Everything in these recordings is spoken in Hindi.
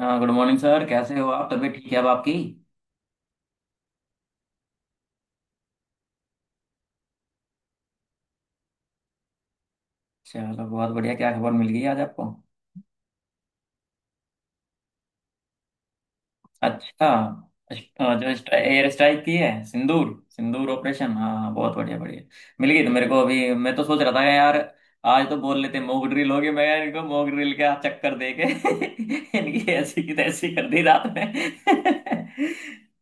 हाँ गुड मॉर्निंग सर। कैसे हो आप? तबीयत ठीक है अब आपकी? चलो बहुत बढ़िया। क्या खबर मिल गई आज आपको? अच्छा। जो एयर स्ट्राइक की है, सिंदूर। सिंदूर ऑपरेशन। हाँ हाँ, बहुत बढ़िया बढ़िया। मिल गई तो मेरे को अभी, मैं तो सोच रहा था कि यार आज तो बोल लेते मॉक ड्रिल होगी। मैं यार इनको मॉक ड्रिल का चक्कर दे के इनकी ऐसी की तैसी कर दी रात में।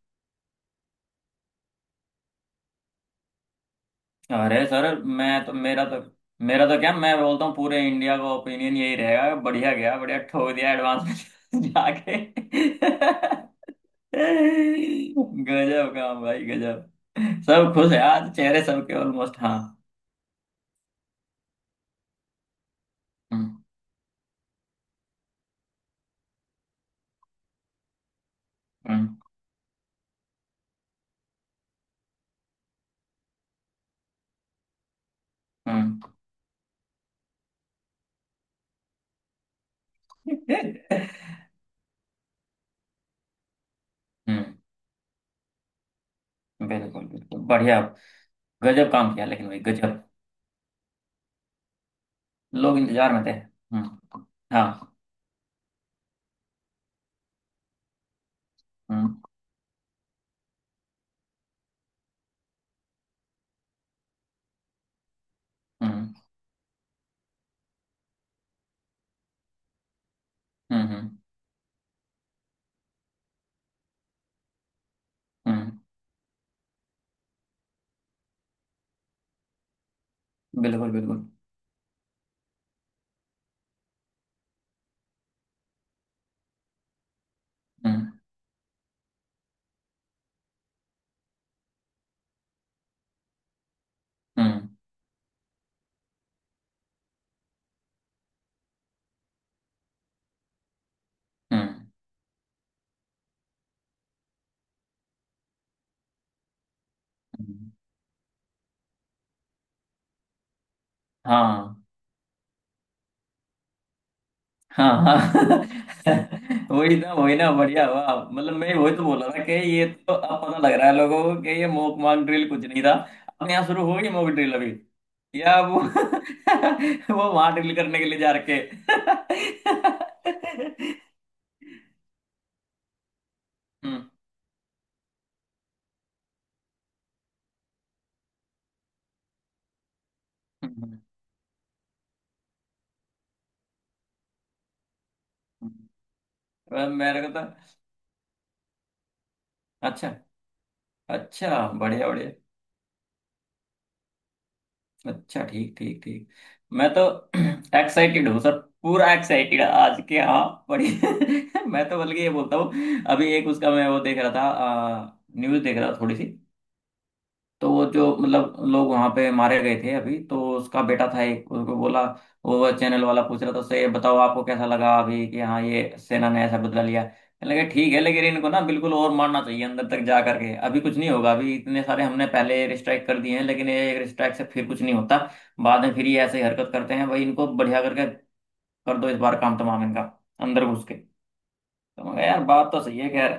अरे सर मैं तो मेरा तो मेरा तो क्या, मैं बोलता हूँ पूरे इंडिया का ओपिनियन यही रहेगा। बढ़िया गया, बढ़िया ठोक दिया एडवांस में जाके। गजब काम भाई, गजब। सब खुश है आज, चेहरे सबके ऑलमोस्ट। हाँ। हम्म। हम्म। हम्म। हम्म, बिल्कुल बिल्कुल, बढ़िया। गजब काम किया लेकिन भाई, गजब। लोग इंतजार में थे। हम्म। हाँ। हम्म। हम्म। हम्म। हम्म, बिल्कुल बिल्कुल। हम्म। हम्म। हम्म। हम्म। हाँ हाँ हाँ। वही ना, वही ना, बढ़िया हुआ। मतलब मैं वही तो बोल रहा था कि ये तो अब पता लग रहा है लोगों को कि ये मॉक मॉक ड्रिल कुछ नहीं था। अपने यहाँ शुरू हो गई मॉक ड्रिल अभी, या वो वो वहां ड्रिल करने के लिए जा रखे। हम्म। हम्म, हम्म, मेरे को तो। अच्छा। अच्छा, बढ़िया बढ़िया। अच्छा, ठीक ठीक ठीक। मैं तो एक्साइटेड हूँ सर, पूरा एक्साइटेड आज के। हाँ, बड़ी मैं तो बल्कि ये बोलता हूँ, अभी एक उसका मैं वो देख रहा था, न्यूज़ देख रहा था थोड़ी सी। तो वो जो, मतलब लोग वहां पे मारे गए थे, अभी तो उसका बेटा था एक, उसको बोला वो चैनल वाला, पूछ रहा था उससे, ये बताओ आपको कैसा लगा अभी कि हाँ ये सेना ने ऐसा बदला लिया। कहने लगे ठीक है, लेकिन इनको ना बिल्कुल और मारना चाहिए अंदर तक जा करके। अभी कुछ नहीं होगा, अभी इतने सारे हमने पहले स्ट्राइक कर दिए हैं लेकिन ये एक स्ट्राइक से फिर कुछ नहीं होता। बाद में फिर ये ऐसे ही हरकत करते हैं भाई, इनको बढ़िया करके कर दो इस बार, काम तमाम इनका, अंदर घुस के। तो मैं कहा, यार बात तो सही है, खैर।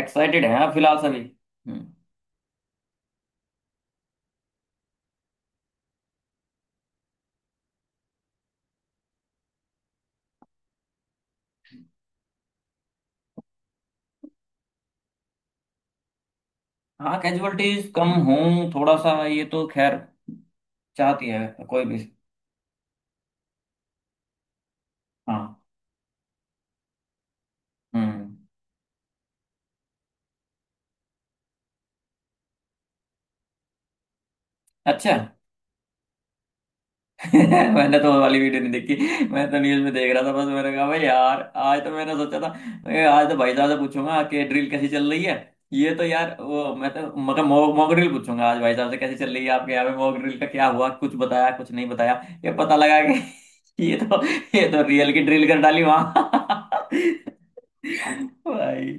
एक्साइटेड है फिलहाल सभी। हम्म। हाँ, कैजुअलिटीज कम हों, थोड़ा सा, ये तो खैर चाहती है कोई भी। हाँ। हम्म। अच्छा। मैंने तो वो वाली वीडियो नहीं देखी, मैं तो न्यूज में देख रहा था बस। मैंने कहा भाई यार आज तो मैंने सोचा था, आज तो भाई साहब से पूछूंगा कि ड्रिल कैसी चल रही है। ये तो यार वो, मैं तो मतलब मॉक मॉक ड्रिल पूछूंगा आज भाई साहब से, कैसी चल रही है आपके यहाँ पे, मॉक ड्रिल का क्या हुआ, कुछ बताया कुछ नहीं बताया। ये पता लगा कि ये तो, ये तो रियल की ड्रिल कर डाली वहां। भाई।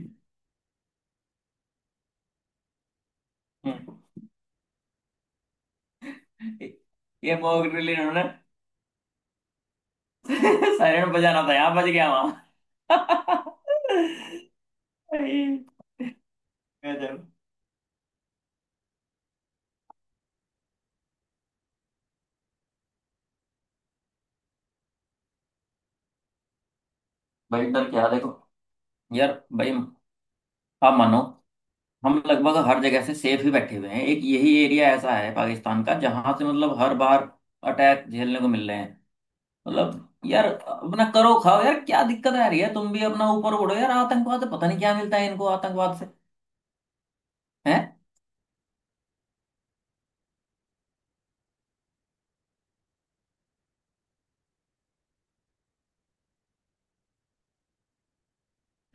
हम्म। ये मोक ड्रिल इन्होंने सायरन बजाना था यहाँ, बज गया वहां। गजब। भाई डर क्या देखो यार। भाई आप मानो, हम लगभग हर जगह से सेफ ही बैठे हुए हैं, एक यही एरिया ऐसा है पाकिस्तान का जहां से मतलब हर बार अटैक झेलने को मिल रहे हैं। मतलब यार अपना करो खाओ यार, क्या दिक्कत आ रही है? तुम भी अपना ऊपर उड़ो यार। आतंकवाद से पता नहीं क्या मिलता है इनको, आतंकवाद से। हैं।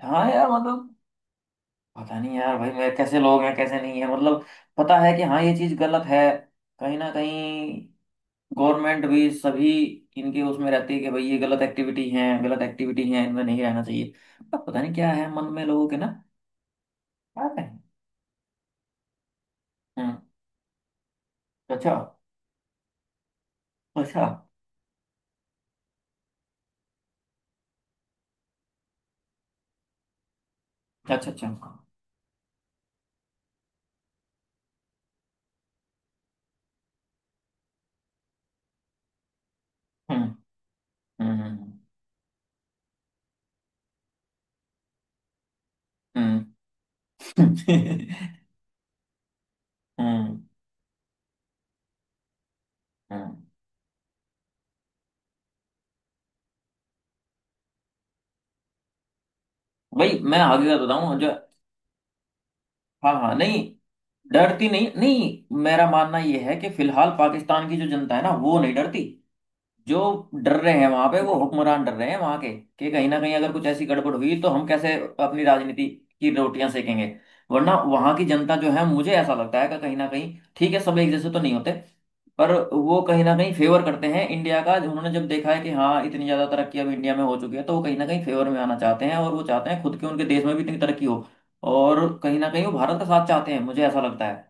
हाँ यार, मतलब पता नहीं यार भाई मेरे, कैसे लोग हैं कैसे नहीं है। मतलब पता है कि हाँ ये चीज गलत है कहीं ना कहीं, गवर्नमेंट भी सभी इनके उसमें रहती है कि भाई ये गलत एक्टिविटी है, गलत एक्टिविटी है, इनमें नहीं रहना चाहिए। अब पता नहीं क्या है मन में लोगों के ना। क्या कहें? हम्म। अच्छा। अच्छा। अच्छा। अच्छा। हम्म। हम्म। हम्म। हम्म। हम्म, हम्म। भाई मैं आगे का बताऊं जो। हाँ हाँ, नहीं डरती, नहीं नहीं। मेरा मानना ये है कि फिलहाल पाकिस्तान की जो जनता है ना, वो नहीं डरती। जो डर रहे हैं वहां पे, वो हुक्मरान डर रहे हैं वहां के, कि कहीं ना कहीं अगर कुछ ऐसी गड़बड़ हुई तो हम कैसे अपनी राजनीति की रोटियां सेकेंगे। वरना वहां की जनता जो है, मुझे ऐसा लगता है कि कहीं ना कहीं ठीक है, सब एक जैसे तो नहीं होते, पर वो कहीं ना कहीं फेवर करते हैं इंडिया का। उन्होंने जब देखा है कि हाँ इतनी ज्यादा तरक्की अब इंडिया में हो चुकी है, तो वो कहीं ना कहीं फेवर में आना चाहते हैं, और वो चाहते हैं खुद के उनके देश में भी इतनी तरक्की हो। और कहीं ना कहीं वो भारत का साथ चाहते हैं, मुझे ऐसा लगता है।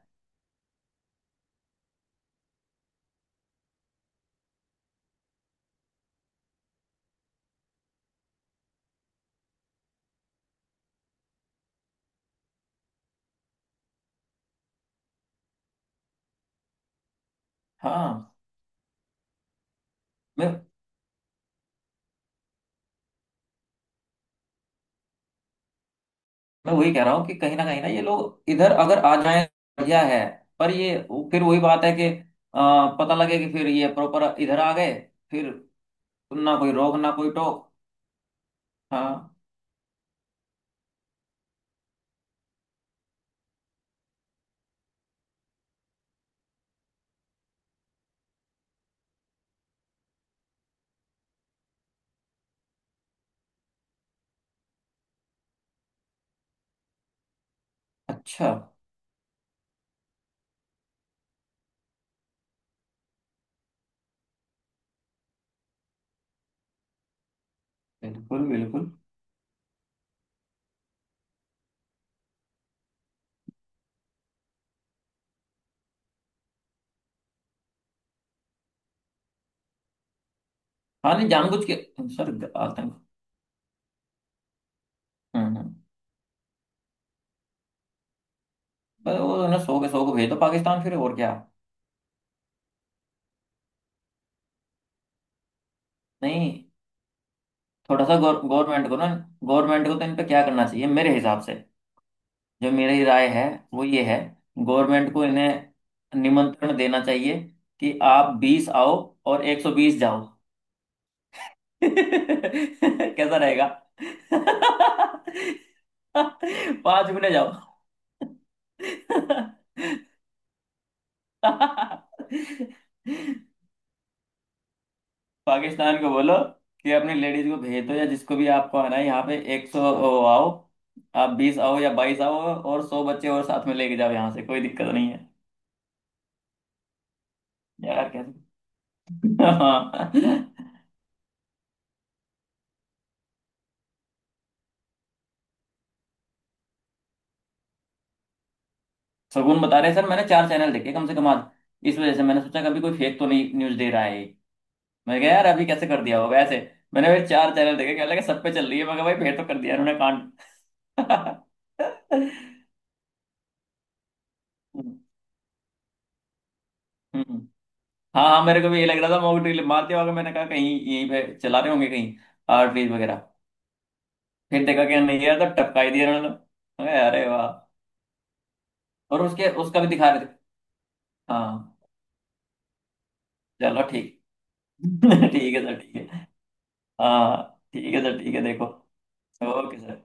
हाँ। मैं मैं वही कह रहा हूँ कि कहीं ना ये लोग इधर अगर आ जाए, बढ़िया है। पर ये फिर वही बात है कि पता लगे कि फिर ये प्रॉपर इधर आ गए, फिर ना कोई रोक ना कोई टोक। हाँ। अच्छा। बिल्कुल बिल्कुल। हाँ नहीं, जानबूझ के सर, आतंक। हम्म। हम्म। पर वो ना 100 के 100 को भेज दो पाकिस्तान, फिर और क्या। नहीं, थोड़ा सा गवर्नमेंट को ना, गवर्नमेंट को तो इन पे क्या करना चाहिए मेरे हिसाब से, जो मेरी राय है वो ये है, गवर्नमेंट को इन्हें निमंत्रण देना चाहिए कि आप 20 आओ और 120 जाओ। कैसा रहेगा? पांच गुने जाओ। पाकिस्तान को बोलो कि अपनी लेडीज को भेज दो, या जिसको भी आपको आना है यहाँ पे, 100 आओ, आप बीस आओ या 22 आओ, और 100 बच्चे और साथ में लेके जाओ यहाँ से, कोई दिक्कत नहीं है। यार। हाँ। सगुन बता रहे हैं, सर मैंने चार चैनल देखे कम से कम आज, इस वजह से मैंने सोचा कभी कोई फेक तो नहीं न्यूज दे रहा है ये। मैं कहा यार अभी कैसे कर दिया होगा ऐसे, मैंने भाई चार चैनल देखे, क्या लगा सब पे चल रही है। मैं कहा भाई फेक तो कर दिया उन्होंने कांड। हम्म, हम्म। हाँ हाँ, मेरे को भी ये लग रहा था मॉक ड्रिल मारते वक्त, मैंने कहा कहीं यहीं पे चला रहे होंगे कहीं आर्टरीज वगैरह। फिर देखा कि नहीं यार, तो टपका ही दिया उन्होंने। मैं कहा, अरे वाह। और उसके उसका भी दिखा रहे थे। हाँ। चलो ठीक। ठीक है सर, ठीक है। हाँ ठीक है सर, ठीक है, देखो। Okay sir.